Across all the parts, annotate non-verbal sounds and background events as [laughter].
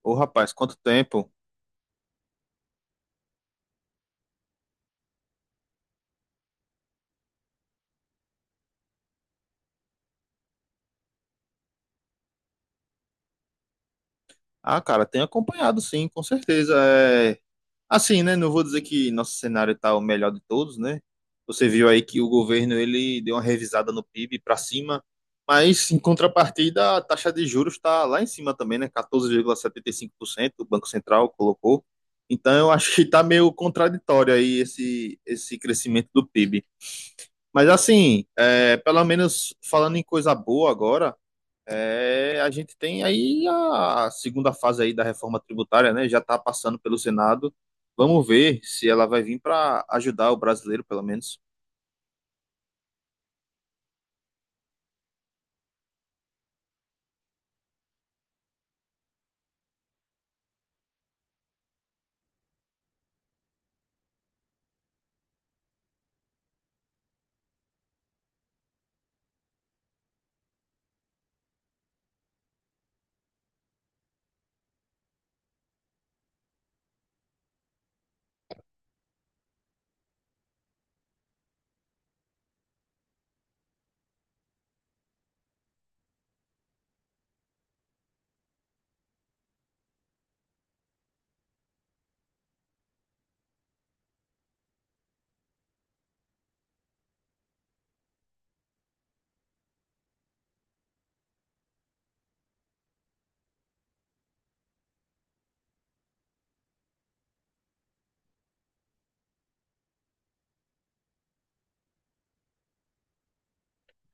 Ô, rapaz, quanto tempo? Ah, cara, tenho acompanhado sim, com certeza. Assim, né? Não vou dizer que nosso cenário tá o melhor de todos, né? Você viu aí que o governo ele deu uma revisada no PIB para cima, mas em contrapartida a taxa de juros está lá em cima também, né? 14,75% o Banco Central colocou. Então eu acho que tá meio contraditório aí esse crescimento do PIB. Mas assim, pelo menos falando em coisa boa agora, é, a gente tem aí a segunda fase aí da reforma tributária, né? Já está passando pelo Senado. Vamos ver se ela vai vir para ajudar o brasileiro, pelo menos.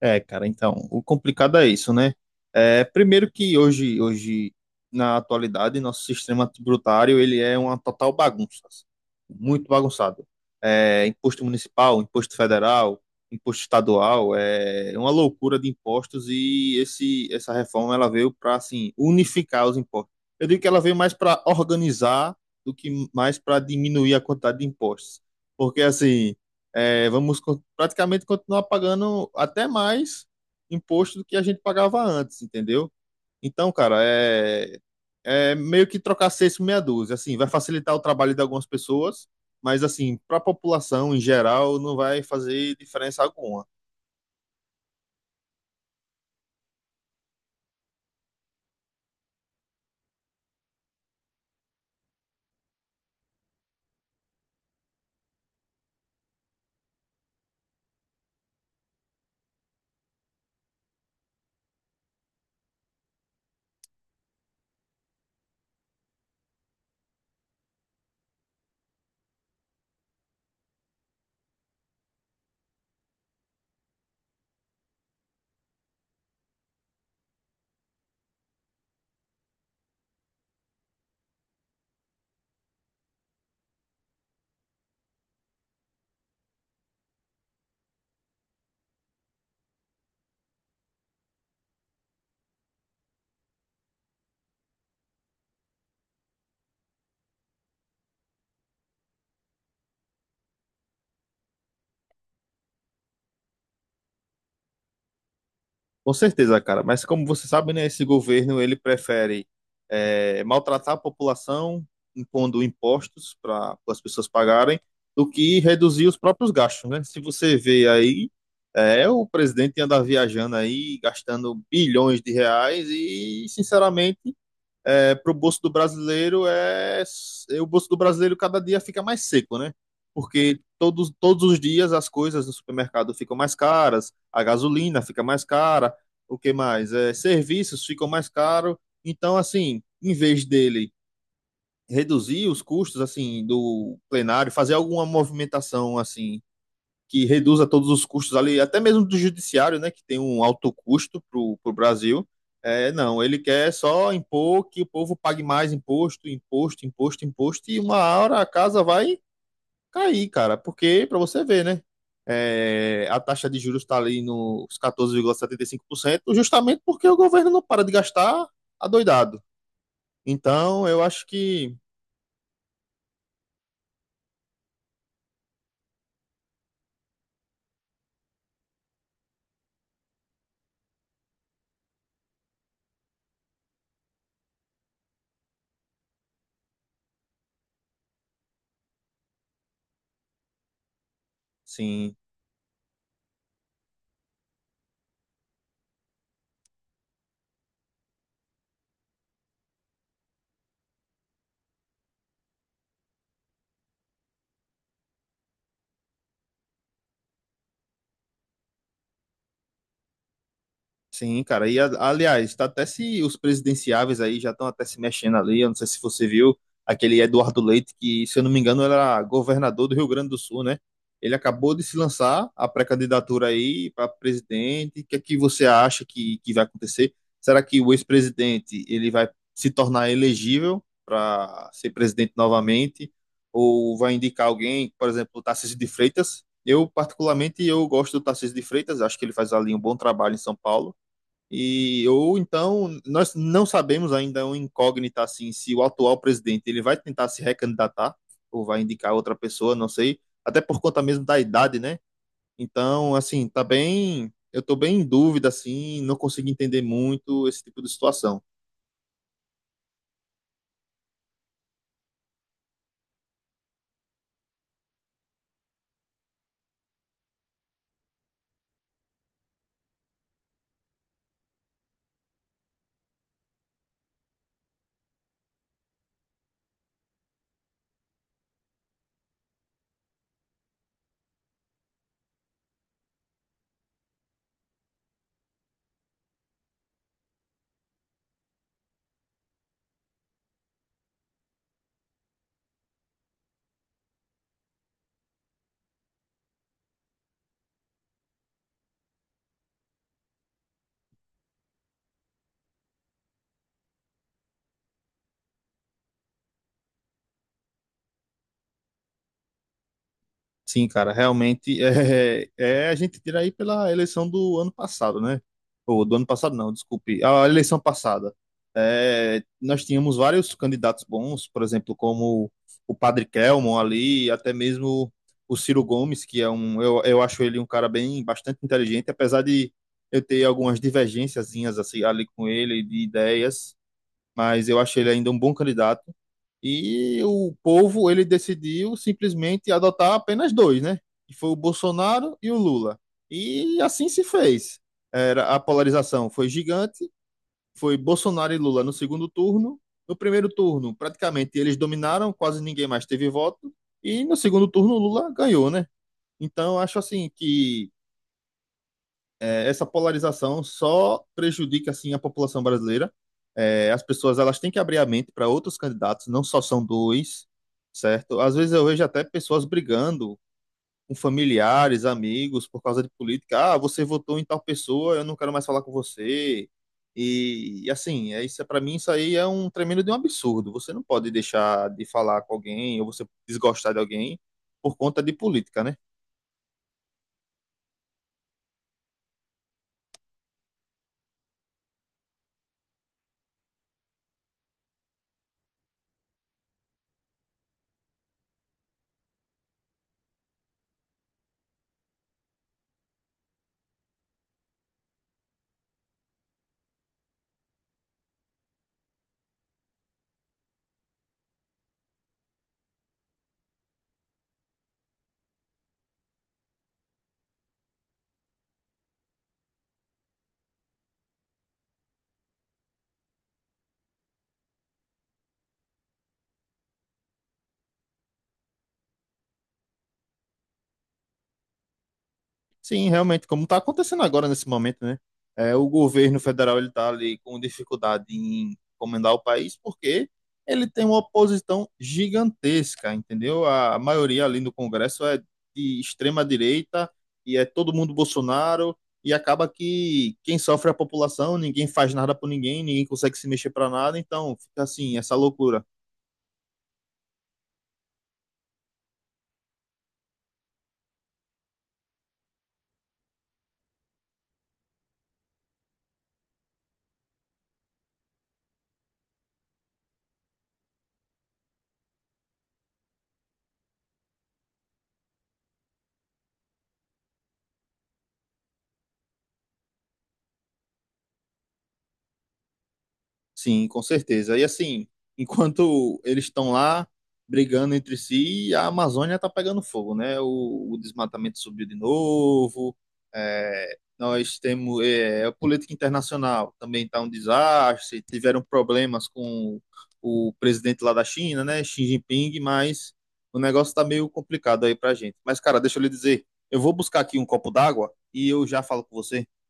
É, cara, então, o complicado é isso, né? É, primeiro que hoje, na atualidade, nosso sistema tributário, ele é uma total bagunça, muito bagunçado. É, imposto municipal, imposto federal, imposto estadual, é uma loucura de impostos e essa reforma, ela veio para, assim, unificar os impostos. Eu digo que ela veio mais para organizar do que mais para diminuir a quantidade de impostos. Porque, assim, é, praticamente continuar pagando até mais imposto do que a gente pagava antes, entendeu? Então, cara, é, é meio que trocar seis por meia dúzia. Assim, vai facilitar o trabalho de algumas pessoas, mas assim, para a população em geral, não vai fazer diferença alguma. Com certeza, cara. Mas como você sabe, né, esse governo ele prefere maltratar a população, impondo impostos para as pessoas pagarem, do que reduzir os próprios gastos, né? Se você vê aí, é o presidente anda viajando aí, gastando bilhões de reais e, sinceramente, para o bolso do brasileiro o bolso do brasileiro cada dia fica mais seco, né? Porque todos os dias as coisas no supermercado ficam mais caras, a gasolina fica mais cara, o que mais? É, serviços ficam mais caros. Então, assim, em vez dele reduzir os custos assim do plenário, fazer alguma movimentação assim que reduza todos os custos ali, até mesmo do judiciário, né, que tem um alto custo para o Brasil. É, não, ele quer só impor que o povo pague mais imposto, imposto, imposto, imposto, e uma hora a casa vai cair, cara, porque, para você ver, né, é, a taxa de juros está ali nos 14,75%, justamente porque o governo não para de gastar adoidado. Então, eu acho que, sim, sim, cara. E aliás, tá até se os presidenciáveis aí já estão até se mexendo ali. Eu não sei se você viu aquele Eduardo Leite, que, se eu não me engano, era governador do Rio Grande do Sul, né? Ele acabou de se lançar a pré-candidatura aí para presidente. O que é que você acha que vai acontecer? Será que o ex-presidente ele vai se tornar elegível para ser presidente novamente? Ou vai indicar alguém, por exemplo, o Tarcísio de Freitas? Eu, particularmente, eu gosto do Tarcísio de Freitas, acho que ele faz ali um bom trabalho em São Paulo. E ou então nós não sabemos ainda, é uma incógnita assim, se o atual presidente ele vai tentar se recandidatar ou vai indicar outra pessoa, não sei, até por conta mesmo da idade, né? Então, assim, tá bem, eu tô bem em dúvida assim, não consigo entender muito esse tipo de situação. Sim, cara, realmente [laughs] é, é a gente tira aí pela eleição do ano passado, né? Ou do ano passado não, desculpe, a eleição passada. É, nós tínhamos vários candidatos bons, por exemplo, como o Padre Kelmon ali, até mesmo o Ciro Gomes, que é um, eu acho ele um cara bem bastante inteligente, apesar de eu ter algumas divergênciazinhas assim ali com ele de ideias, mas eu acho ele ainda um bom candidato. E o povo, ele decidiu simplesmente adotar apenas dois, né? Que foi o Bolsonaro e o Lula. E assim se fez. Era, a polarização foi gigante, foi Bolsonaro e Lula no segundo turno. No primeiro turno, praticamente eles dominaram, quase ninguém mais teve voto. E no segundo turno, o Lula ganhou, né? Então, eu acho assim que essa polarização só prejudica assim a população brasileira. É, as pessoas elas têm que abrir a mente para outros candidatos, não só são dois, certo? Às vezes eu vejo até pessoas brigando com familiares, amigos, por causa de política. Ah, você votou em tal pessoa, eu não quero mais falar com você. E assim, para mim isso aí é um tremendo de um absurdo. Você não pode deixar de falar com alguém ou você desgostar de alguém por conta de política, né? Sim, realmente, como está acontecendo agora nesse momento, né? É, o governo federal ele está ali com dificuldade em comandar o país porque ele tem uma oposição gigantesca, entendeu? A maioria ali no Congresso é de extrema direita e é todo mundo Bolsonaro e acaba que quem sofre é a população, ninguém faz nada por ninguém, ninguém consegue se mexer para nada, então fica assim, essa loucura. Sim, com certeza. E assim, enquanto eles estão lá brigando entre si, a Amazônia está pegando fogo, né? O desmatamento subiu de novo. É, nós temos é, a política internacional também está um desastre. Tiveram problemas com o presidente lá da China, né? Xi Jinping, mas o negócio está meio complicado aí para gente. Mas, cara, deixa eu lhe dizer, eu vou buscar aqui um copo d'água e eu já falo com você.